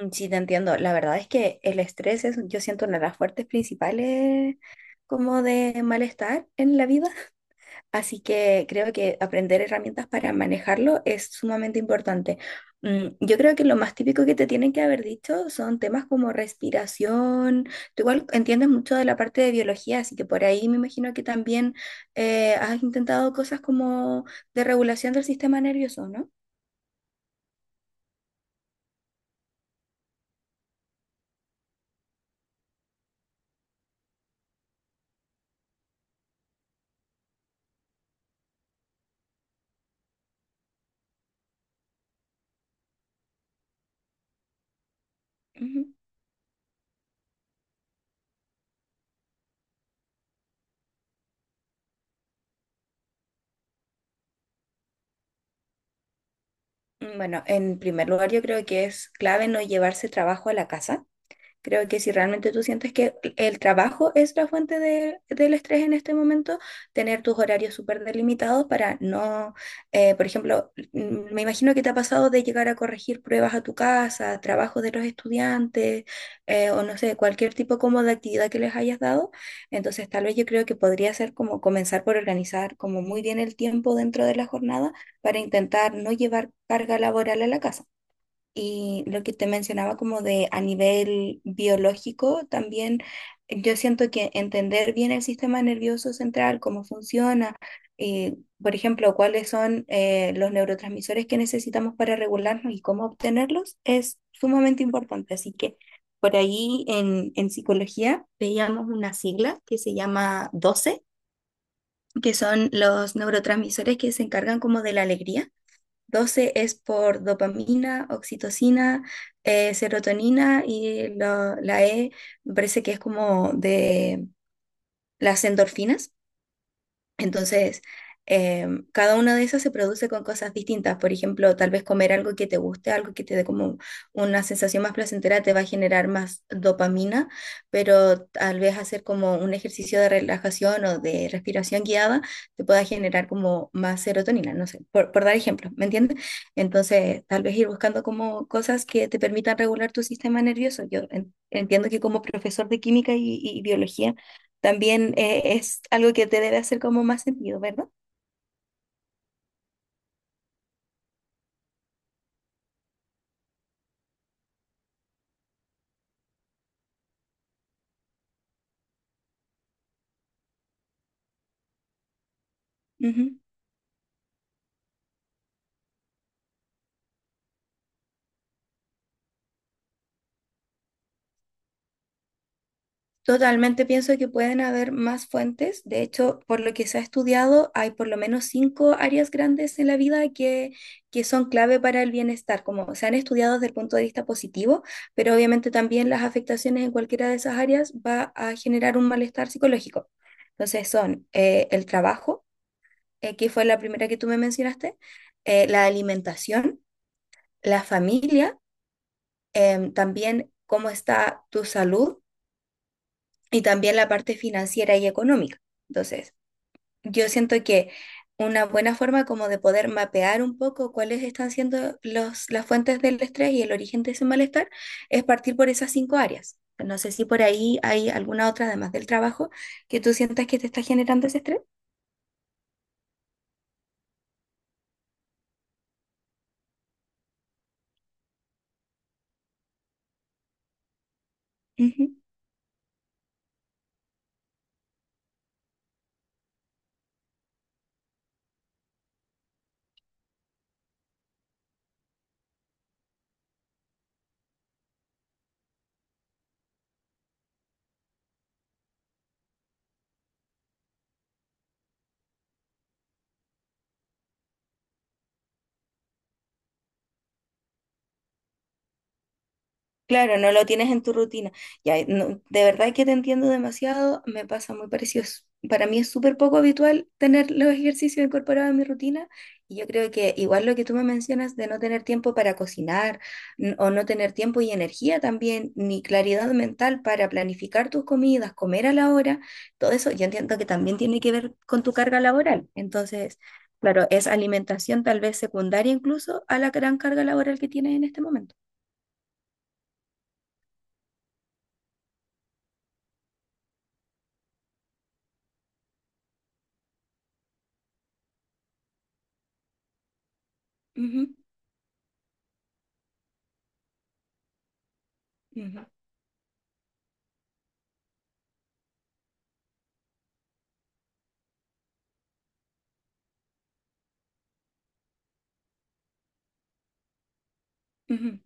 Mm, sí, te entiendo. La verdad es que el estrés es, yo siento, una de las fuertes principales como de malestar en la vida, así que creo que aprender herramientas para manejarlo es sumamente importante. Mm, yo creo que lo más típico que te tienen que haber dicho son temas como respiración. Tú igual entiendes mucho de la parte de biología, así que por ahí me imagino que también has intentado cosas como de regulación del sistema nervioso, ¿no? Ujú. Bueno, en primer lugar yo creo que es clave no llevarse trabajo a la casa. Creo que si realmente tú sientes que el trabajo es la fuente de- del estrés en este momento, tener tus horarios súper delimitados para no, por ejemplo, me imagino que te ha pasado de llegar a corregir pruebas a tu casa, trabajos de los estudiantes, o no sé, cualquier tipo como de actividad que les hayas dado. Entonces, tal vez yo creo que podría ser como comenzar por organizar como muy bien el tiempo dentro de la jornada para intentar no llevar carga laboral a la casa. Y lo que te mencionaba como de a nivel biológico, también yo siento que entender bien el sistema nervioso central, cómo funciona, eh, por ejemplo, cuáles son los neurotransmisores que necesitamos para regularnos y cómo obtenerlos, es sumamente importante. Así que por ahí en psicología veíamos una sigla que se llama DOCE, que son los neurotransmisores que se encargan como de la alegría. Doce es por dopamina, oxitocina, serotonina y la E me parece que es como de las endorfinas. Entonces, cada una de esas se produce con cosas distintas. Por ejemplo, tal vez comer algo que te guste, algo que te dé como una sensación más placentera, te va a generar más dopamina, pero tal vez hacer como un ejercicio de relajación o de respiración guiada te pueda generar como más serotonina, no sé, por dar ejemplo, ¿me entiendes? Entonces, tal vez ir buscando como cosas que te permitan regular tu sistema nervioso. Yo en- entiendo que como profesor de química y biología, también es algo que te debe hacer como más sentido, ¿verdad? Ujú. Totalmente pienso que pueden haber más fuentes. De hecho, por lo que se ha estudiado, hay por lo menos cinco áreas grandes en la vida que son clave para el bienestar, como se han estudiado desde el punto de vista positivo, pero obviamente también las afectaciones en cualquiera de esas áreas va a generar un malestar psicológico. Entonces son el trabajo, que fue la primera que tú me mencionaste, la alimentación, la familia, también cómo está tu salud y también la parte financiera y económica. Entonces, yo siento que una buena forma como de poder mapear un poco cuáles están siendo las fuentes del estrés y el origen de ese malestar es partir por esas cinco áreas. No sé si por ahí hay alguna otra, además del trabajo, que tú sientas que te está generando ese estrés. Claro, no lo tienes en tu rutina. Ya, no, de verdad que te entiendo demasiado, me pasa muy parecido. Es- Para mí es súper poco habitual tener los ejercicios incorporados en mi rutina y yo creo que igual lo que tú me mencionas de no tener tiempo para cocinar n- o no tener tiempo y energía también, ni claridad mental para planificar tus comidas, comer a la hora, todo eso yo entiendo que también tiene que ver con tu carga laboral. Entonces, claro, es alimentación tal vez secundaria incluso a la gran carga laboral que tienes en este momento. Ujú, ujú. Ujú,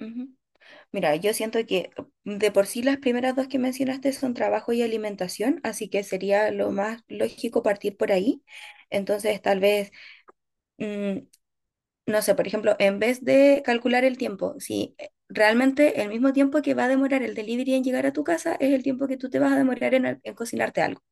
ujú. Mira, yo siento que de por sí las primeras dos que mencionaste son trabajo y alimentación, así que sería lo más lógico partir por ahí. Entonces, tal vez, mm, no sé, por ejemplo, en vez de calcular el tiempo, si realmente el mismo tiempo que va a demorar el delivery en llegar a tu casa es el tiempo que tú te vas a demorar en, al- en cocinarte algo.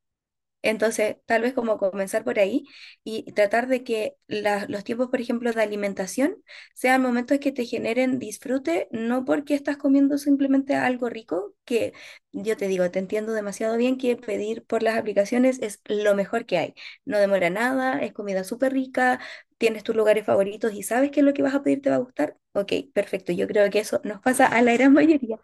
Entonces, tal vez como comenzar por ahí y tratar de que la- los tiempos, por ejemplo, de alimentación sean momentos que te generen disfrute, no porque estás comiendo simplemente algo rico, que yo te digo, te entiendo demasiado bien que pedir por las aplicaciones es lo mejor que hay. No demora nada, es comida súper rica, tienes tus lugares favoritos y sabes que lo que vas a pedir te va a gustar. Ok, perfecto. Yo creo que eso nos pasa a la gran mayoría.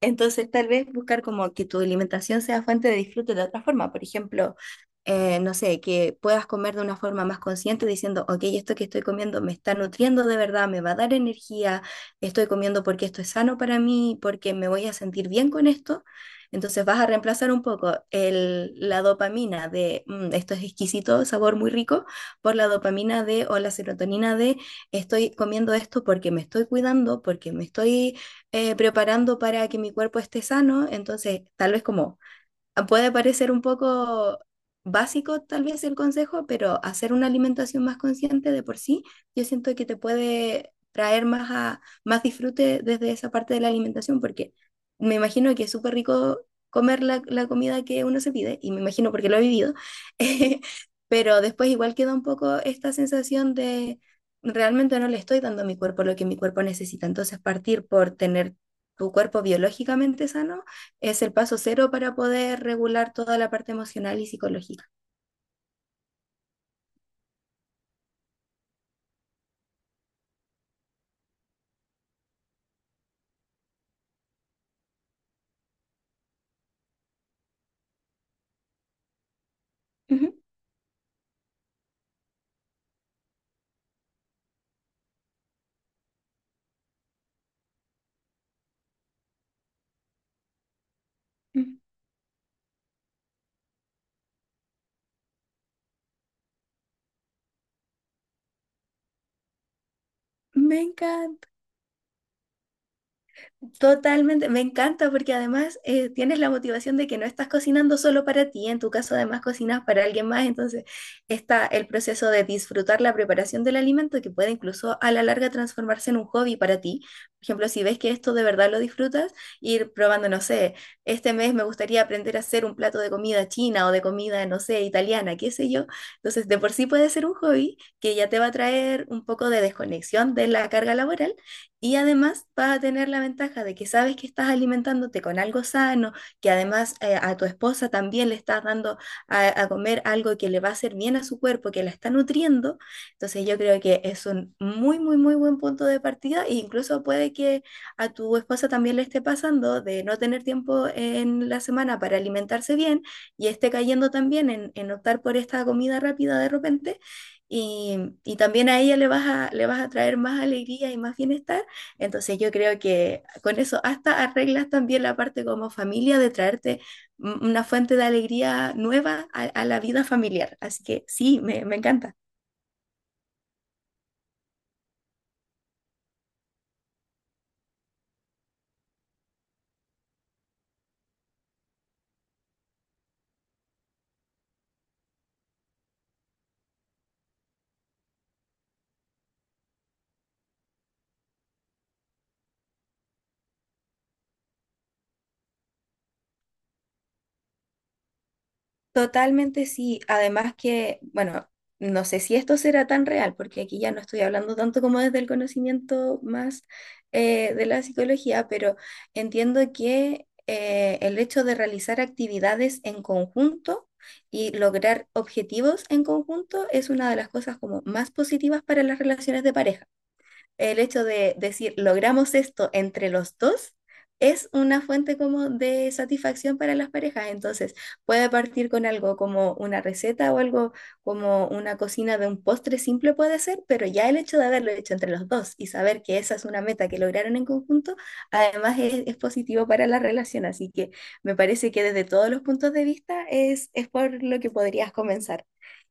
Entonces, tal vez buscar como que tu alimentación sea fuente de disfrute de otra forma. Por ejemplo, no sé, que puedas comer de una forma más consciente diciendo, ok, esto que estoy comiendo me está nutriendo de verdad, me va a dar energía, estoy comiendo porque esto es sano para mí, porque me voy a sentir bien con esto. Entonces vas a reemplazar un poco la dopamina de "Mm, esto es exquisito, sabor muy rico", por la dopamina de o la serotonina de estoy comiendo esto porque me estoy cuidando, porque me estoy preparando para que mi cuerpo esté sano, entonces tal vez como puede parecer un poco básico tal vez el consejo, pero hacer una alimentación más consciente de por sí, yo siento que te puede traer más, a- más disfrute desde esa parte de la alimentación, porque me imagino que es súper rico comer la comida que uno se pide, y me imagino porque lo he vivido, pero después igual queda un poco esta sensación de realmente no le estoy dando a mi cuerpo lo que mi cuerpo necesita, entonces partir por tener tu cuerpo biológicamente sano es el paso cero para poder regular toda la parte emocional y psicológica. Ujú, ujú. Venga, totalmente, me encanta porque además tienes la motivación de que no estás cocinando solo para ti, en tu caso además cocinas para alguien más, entonces está el proceso de disfrutar la preparación del alimento que puede incluso a la larga transformarse en un hobby para ti. Por ejemplo, si ves que esto de verdad lo disfrutas, ir probando, no sé, este mes me gustaría aprender a hacer un plato de comida china o de comida, no sé, italiana, qué sé yo. Entonces, de por sí puede ser un hobby que ya te va a traer un poco de desconexión de la carga laboral y además vas a tener la ventaja de que sabes que estás alimentándote con algo sano, que además a tu esposa también le estás dando a comer algo que le va a hacer bien a su cuerpo, que la está nutriendo. Entonces yo creo que es un muy, muy, muy buen punto de partida e incluso puede que a tu esposa también le esté pasando de no tener tiempo en la semana para alimentarse bien y esté cayendo también en optar por esta comida rápida de repente. Y, y también a ella le vas a traer más alegría y más bienestar, entonces yo creo que con eso hasta arreglas también la parte como familia de traerte m- una fuente de alegría nueva a la vida familiar. Así que sí, me encanta. Totalmente sí. Además que, bueno, no sé si esto será tan real, porque aquí ya no estoy hablando tanto como desde el conocimiento más de la psicología, pero entiendo que el hecho de realizar actividades en conjunto y lograr objetivos en conjunto es una de las cosas como más positivas para las relaciones de pareja, el hecho de decir, logramos esto entre los dos, es una fuente como de satisfacción para las parejas. Entonces, puede partir con algo como una receta o algo como una cocina de un postre simple puede ser, pero ya el hecho de haberlo hecho entre los dos y saber que esa es una meta que lograron en conjunto, además es positivo para la relación. Así que me parece que desde todos los puntos de vista es por lo que podrías comenzar.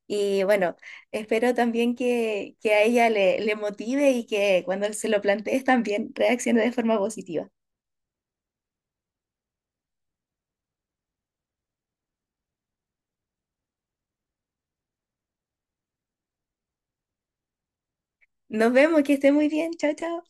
Y bueno, espero también que a ella le, le motive y que cuando se lo plantees también reaccione de forma positiva. Nos vemos, que esté muy bien. Chao, chao.